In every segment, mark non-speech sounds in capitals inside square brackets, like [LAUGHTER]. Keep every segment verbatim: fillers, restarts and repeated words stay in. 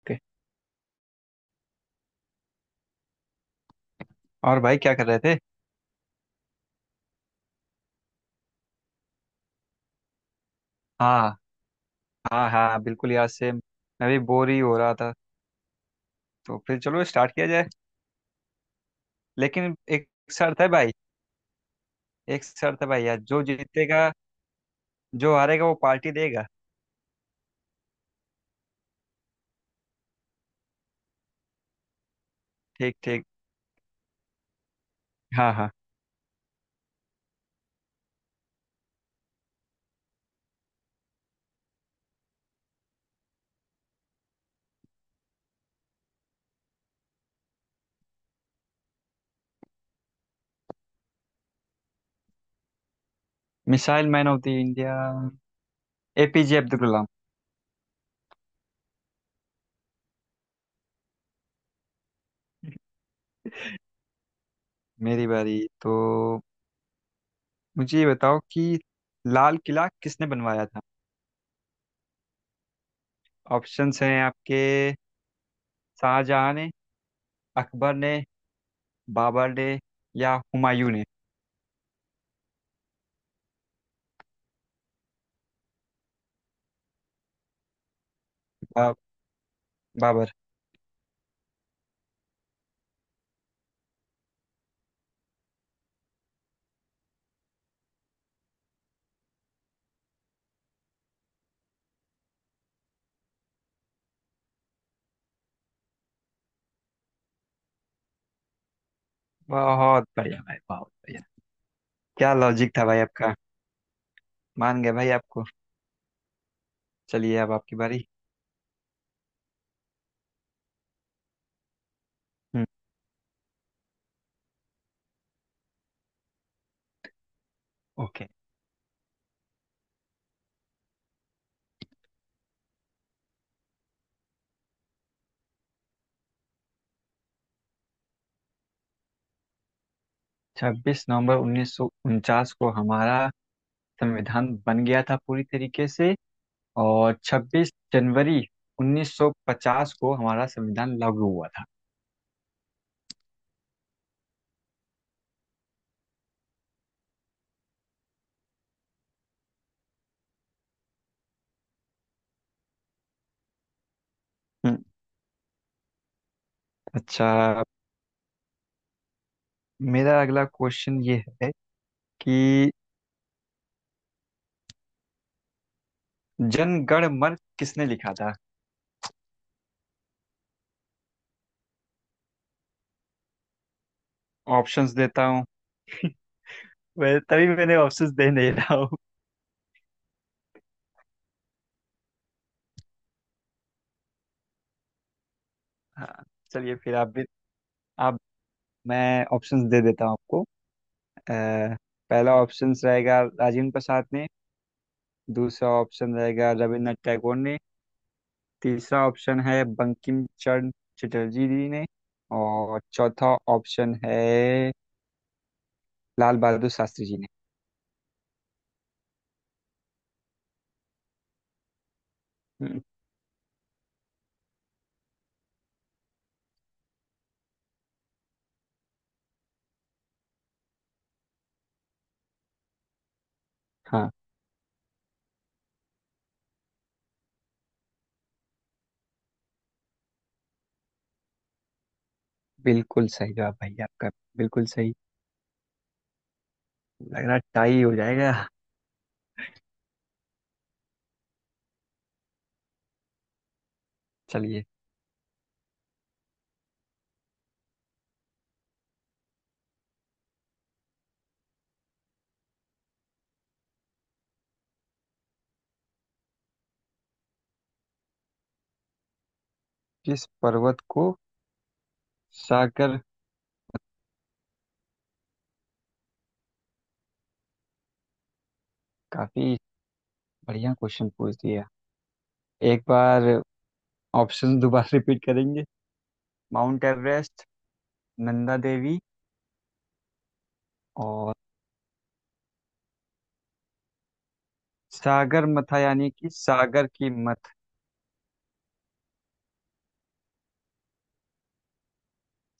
Okay. और भाई क्या कर रहे थे? हाँ हाँ हाँ बिल्कुल यार, सेम। मैं भी बोर ही हो रहा था। तो फिर चलो स्टार्ट किया जाए। लेकिन एक शर्त है भाई। एक शर्त है भाई, यार जो जीतेगा, जो हारेगा वो पार्टी देगा। ठीक, ठीक। हाँ, हाँ। Missile man of the India APJ Abdul Kalam. मेरी बारी तो। मुझे ये बताओ कि लाल किला किसने बनवाया था। ऑप्शंस हैं आपके, शाहजहां ने, अकबर ने, बाबर ने, या हुमायूं ने। बा, बाबर। बहुत बढ़िया भाई, बहुत बढ़िया। क्या लॉजिक था भाई आपका। मान गए भाई आपको। चलिए अब आपकी बारी। हम्म। ओके। छब्बीस नवंबर उन्नीस सौ उनचास को हमारा संविधान बन गया था पूरी तरीके से, और छब्बीस जनवरी उन्नीस सौ पचास को हमारा संविधान लागू हुआ था। हम्म, अच्छा। मेरा अगला क्वेश्चन ये है कि जन गण मन किसने लिखा था। ऑप्शंस देता हूँ। [LAUGHS] वै- तभी मैंने ऑप्शंस दे नहीं रहा हूँ। हाँ, चलिए फिर आप भी। आप, मैं ऑप्शंस दे देता हूँ आपको। अ, पहला ऑप्शंस रहेगा राजेंद्र प्रसाद ने, दूसरा ऑप्शन रहेगा रविन्द्रनाथ टैगोर ने, तीसरा ऑप्शन है बंकिम चंद्र चटर्जी जी ने, और चौथा ऑप्शन है लाल बहादुर शास्त्री जी ने। हम्म, हाँ, बिल्कुल सही जवाब भाई आपका, बिल्कुल सही। लग रहा टाई हो जाएगा। चलिए। किस पर्वत को सागर। काफी बढ़िया क्वेश्चन पूछ दिया। एक बार ऑप्शन दोबारा रिपीट करेंगे। माउंट एवरेस्ट, नंदा देवी, और सागर मथा यानी कि सागर की मत।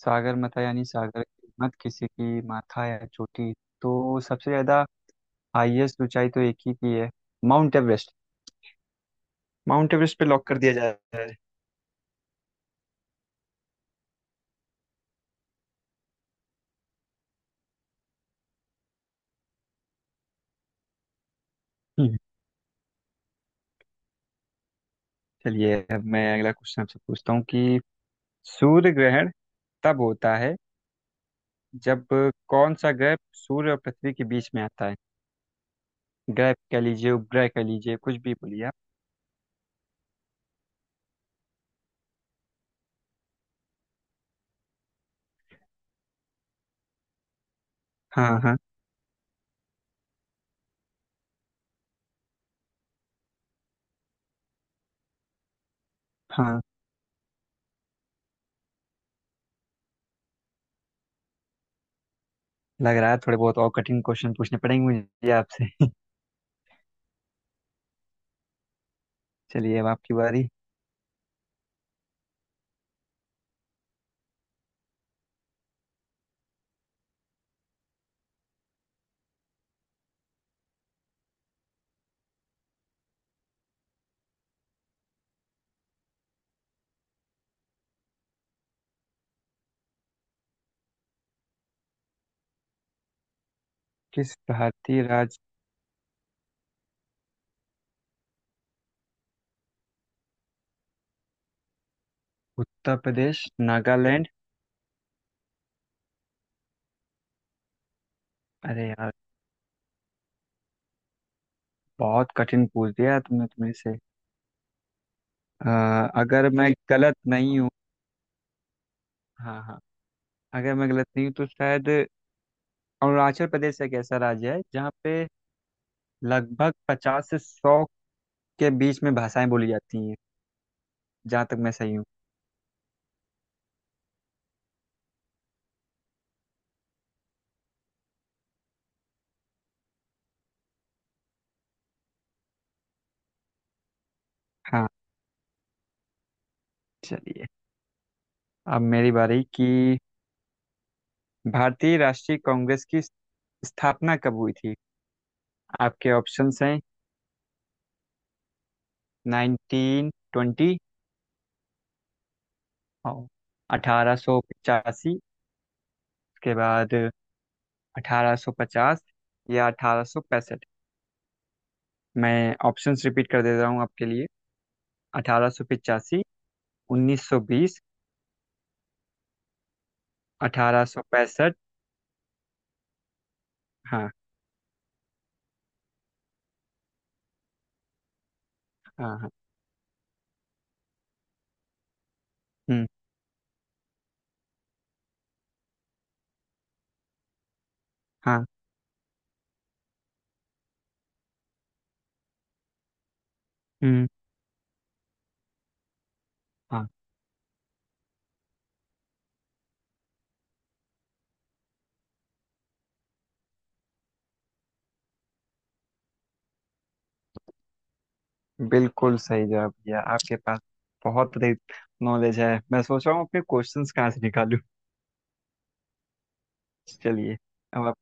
सागर मथा यानी सागर की मत, किसी की माथा या चोटी। तो सबसे ज्यादा हाईएस्ट ऊंचाई तो एक ही की है, माउंट एवरेस्ट। माउंट एवरेस्ट पे लॉक कर दिया जाए। हम्म। चलिए, अब मैं अगला क्वेश्चन आपसे पूछता हूँ कि सूर्य ग्रहण तब होता है जब कौन सा ग्रह सूर्य और पृथ्वी के बीच में आता है। ग्रह कह लीजिए, उपग्रह कह लीजिए, कुछ भी बोलिए आप। हाँ हाँ हाँ लग रहा है थोड़े बहुत और कठिन क्वेश्चन पूछने पड़ेंगे मुझे आपसे। चलिए अब आपकी बारी। किस भारतीय राज्य, उत्तर प्रदेश, नागालैंड। अरे यार, बहुत कठिन पूछ दिया तुमने तुमने से। अ, अगर मैं गलत नहीं हूँ। हाँ हाँ अगर मैं गलत नहीं हूँ तो शायद अरुणाचल प्रदेश एक ऐसा राज्य है जहाँ पे लगभग पचास से सौ के बीच में भाषाएं बोली जाती हैं, जहाँ तक मैं सही हूँ। हाँ, चलिए। अब मेरी बारी कि भारतीय राष्ट्रीय कांग्रेस की स्थापना कब हुई थी। आपके ऑप्शंस हैं नाइनटीन ट्वेंटी। हाँ। अठारह सौ पचासी। उसके बाद अठारह सौ पचास, या अठारह सौ पैंसठ। मैं ऑप्शंस रिपीट कर दे रहा हूँ आपके लिए। अठारह सौ पचासी, उन्नीस सौ बीस, अठारह सौ पैंसठ। हाँ हाँ हाँ हम्म, हाँ, हम्म, हाँ, बिल्कुल सही जवाब भैया। आपके पास बहुत नॉलेज है। मैं सोच रहा हूँ अपने क्वेश्चंस कहाँ से निकालूं। चलिए अब आप।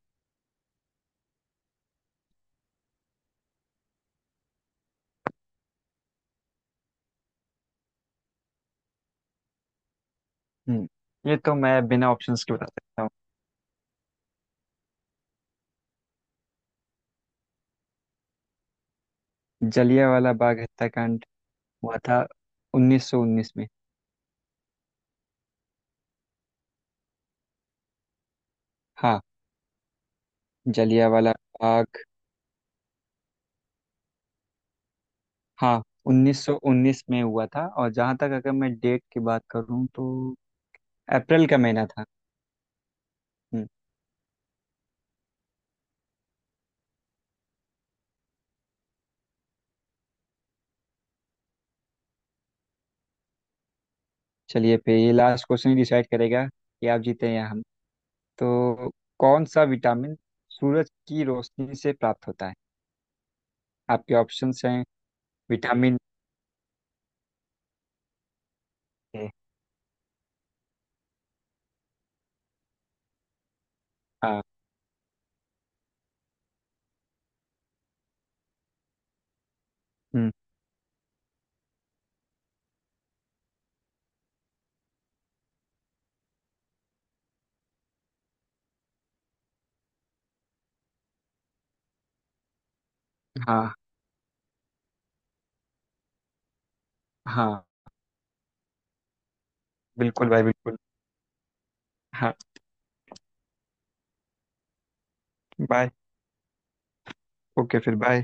हम्म, ये तो मैं बिना ऑप्शंस के बता सकता हूँ। जलियांवाला बाग हत्याकांड हुआ था उन्नीस सौ उन्नीस में। हाँ। जलियांवाला बाग। हाँ, उन्नीस सौ उन्नीस में हुआ था, और जहाँ तक अगर मैं डेट की बात करूँ तो अप्रैल का महीना था। हम्म। चलिए, फिर ये लास्ट क्वेश्चन ही डिसाइड करेगा कि आप जीते हैं या हम। तो कौन सा विटामिन सूरज की रोशनी से प्राप्त होता है? आपके ऑप्शंस हैं विटामिन ए। हाँ। हम्म, हाँ हाँ बिल्कुल भाई, बिल्कुल। हाँ, बाय। ओके फिर, बाय।